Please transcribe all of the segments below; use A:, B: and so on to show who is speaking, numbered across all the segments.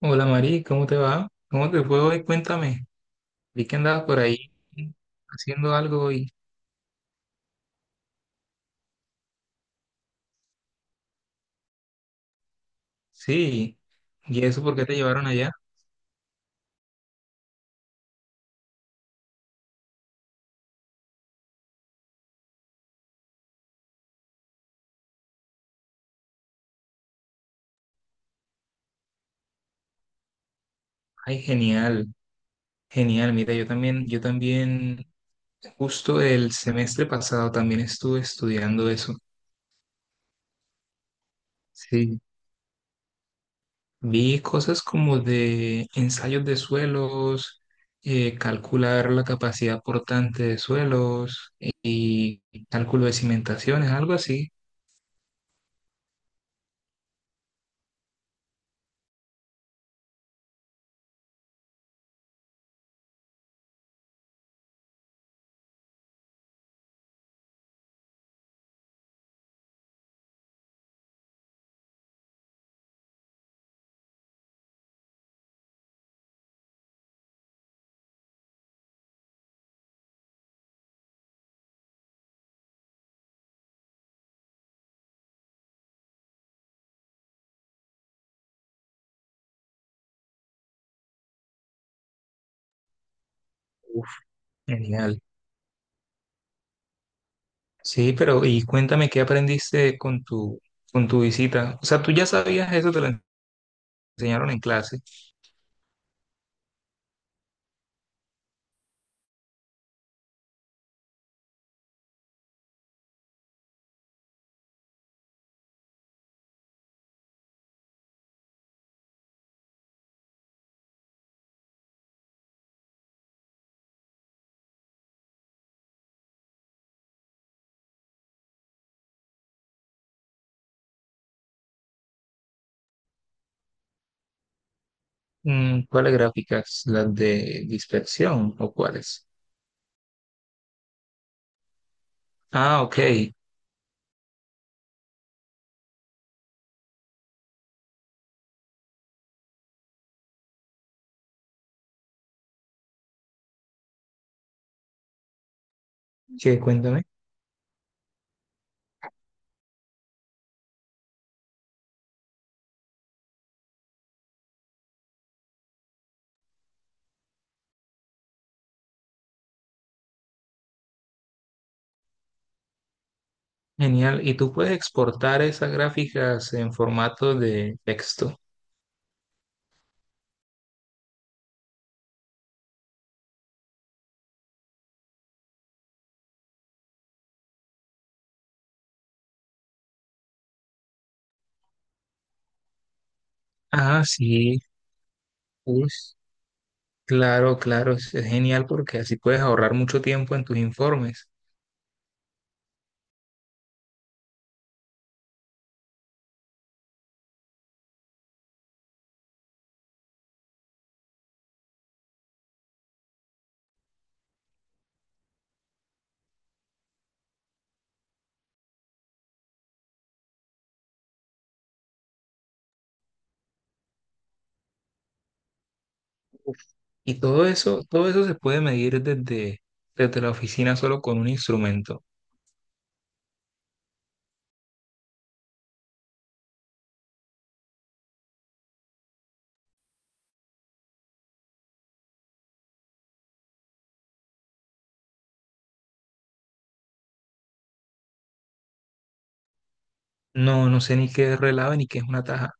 A: Hola Mari, ¿cómo te va? ¿Cómo te fue hoy? Cuéntame. Vi que andabas por ahí haciendo algo hoy. Sí. ¿Y eso por qué te llevaron allá? Ay, genial, genial. Mira, yo también, justo el semestre pasado también estuve estudiando eso. Sí. Vi cosas como de ensayos de suelos, calcular la capacidad portante de suelos y cálculo de cimentaciones, algo así. Uf, genial. Sí, pero y cuéntame qué aprendiste con con tu visita. O sea, tú ya sabías eso, enseñaron en clase. Mm, ¿cuáles gráficas? ¿Las de dispersión o cuáles? Ah, ok. Que cuéntame. Genial. ¿Y tú puedes exportar esas gráficas en formato de texto? Ah, sí. Uy, claro, claro. Es genial porque así puedes ahorrar mucho tiempo en tus informes. Y todo eso se puede medir desde la oficina solo con un instrumento. No, no sé ni qué es relave ni qué es una taja.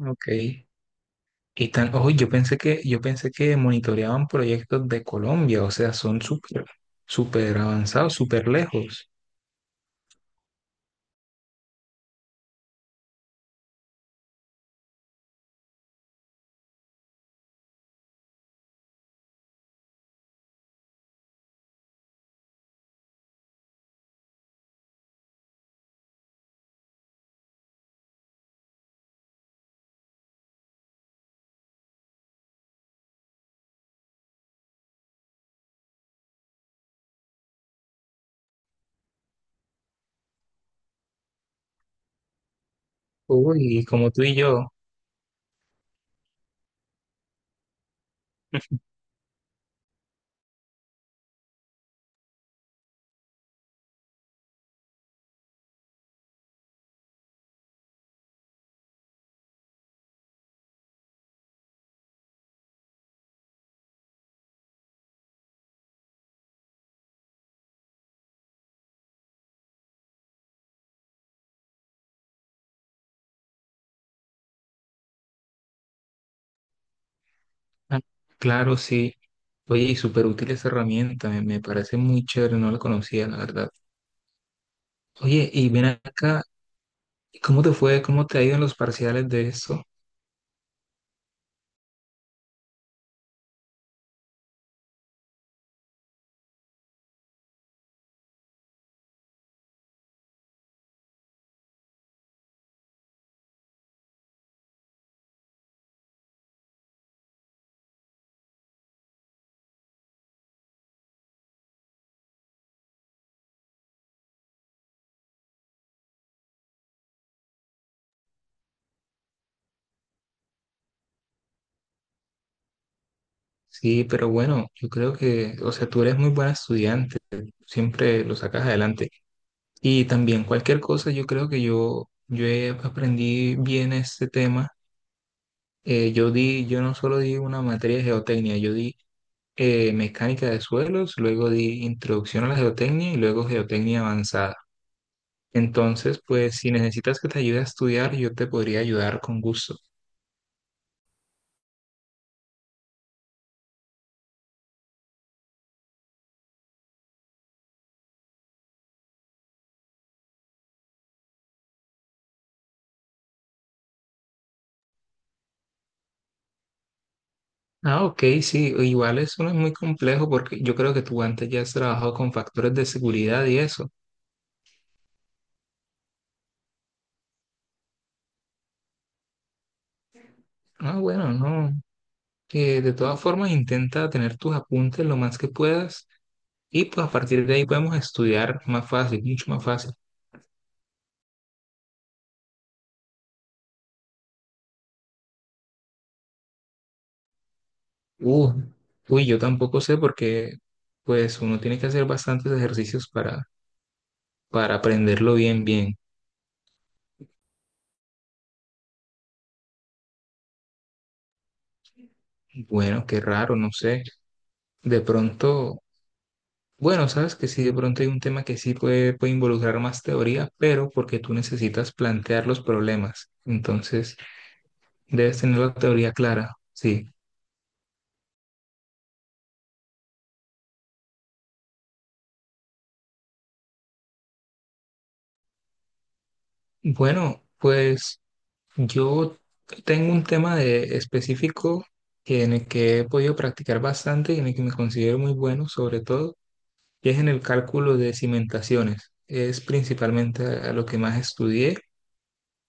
A: Ok. Y tan, ojo, yo pensé que monitoreaban proyectos de Colombia, o sea, son súper, súper avanzados, súper lejos. Uy, como tú y yo. Ah, claro, sí. Oye, y súper útil esa herramienta, me parece muy chévere, no la conocía, la verdad. Oye, y ven acá, ¿cómo te fue? ¿Cómo te ha ido en los parciales de esto? Sí, pero bueno, yo creo que, o sea, tú eres muy buena estudiante, siempre lo sacas adelante. Y también cualquier cosa, yo creo que aprendí bien este tema. Yo di, yo no solo di una materia de geotecnia, yo di mecánica de suelos, luego di introducción a la geotecnia y luego geotecnia avanzada. Entonces, pues si necesitas que te ayude a estudiar, yo te podría ayudar con gusto. Ah, ok, sí, igual eso no es muy complejo porque yo creo que tú antes ya has trabajado con factores de seguridad y eso. Ah, bueno, no. De todas formas, intenta tener tus apuntes lo más que puedas, y pues a partir de ahí podemos estudiar más fácil, mucho más fácil. Uh, uy, yo tampoco sé porque pues uno tiene que hacer bastantes ejercicios para aprenderlo bien, bien. Bueno, qué raro, no sé. De pronto, bueno, sabes que sí, de pronto hay un tema que sí puede involucrar más teoría, pero porque tú necesitas plantear los problemas. Entonces, debes tener la teoría clara. Sí. Bueno, pues... yo tengo un tema de específico en el que he podido practicar bastante y en el que me considero muy bueno, sobre todo, y es en el cálculo de cimentaciones. Es principalmente a lo que más estudié,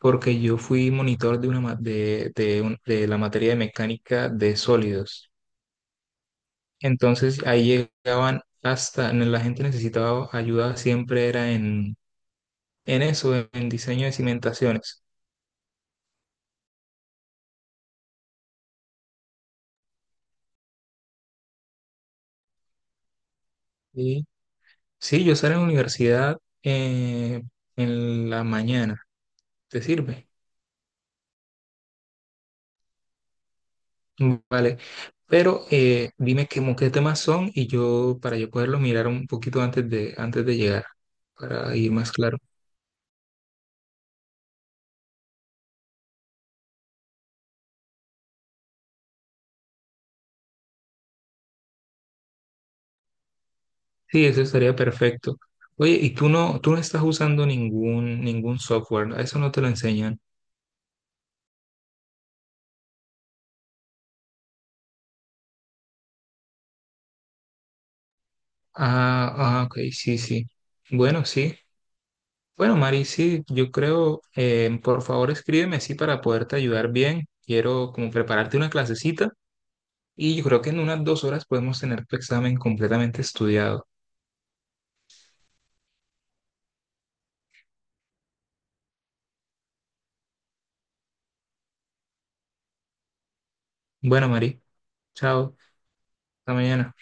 A: porque yo fui monitor de la materia de mecánica de sólidos. Entonces ahí llegaban hasta, la gente necesitaba ayuda, siempre era en eso, en diseño de cimentaciones. Sí, yo salgo a la universidad eh, en la mañana. ¿Te sirve? Mm, vale. Pero qué temas son y yo, para yo poderlo mirar un poquito antes de llegar, para ir más claro. Sí, eso estaría perfecto. Oye, y tú no estás usando ningún software, ¿no? Eso no te lo enseñan. Ah, ah, ok, sí, sí. Bueno, sí. Bueno, Mari, sí, yo creo, por favor escríbeme así para poderte ayudar bien. Quiero como prepararte una clasecita, y yo creo que en unas 2 horas podemos tener tu examen completamente estudiado. Bueno, Mari, chao, hasta mañana.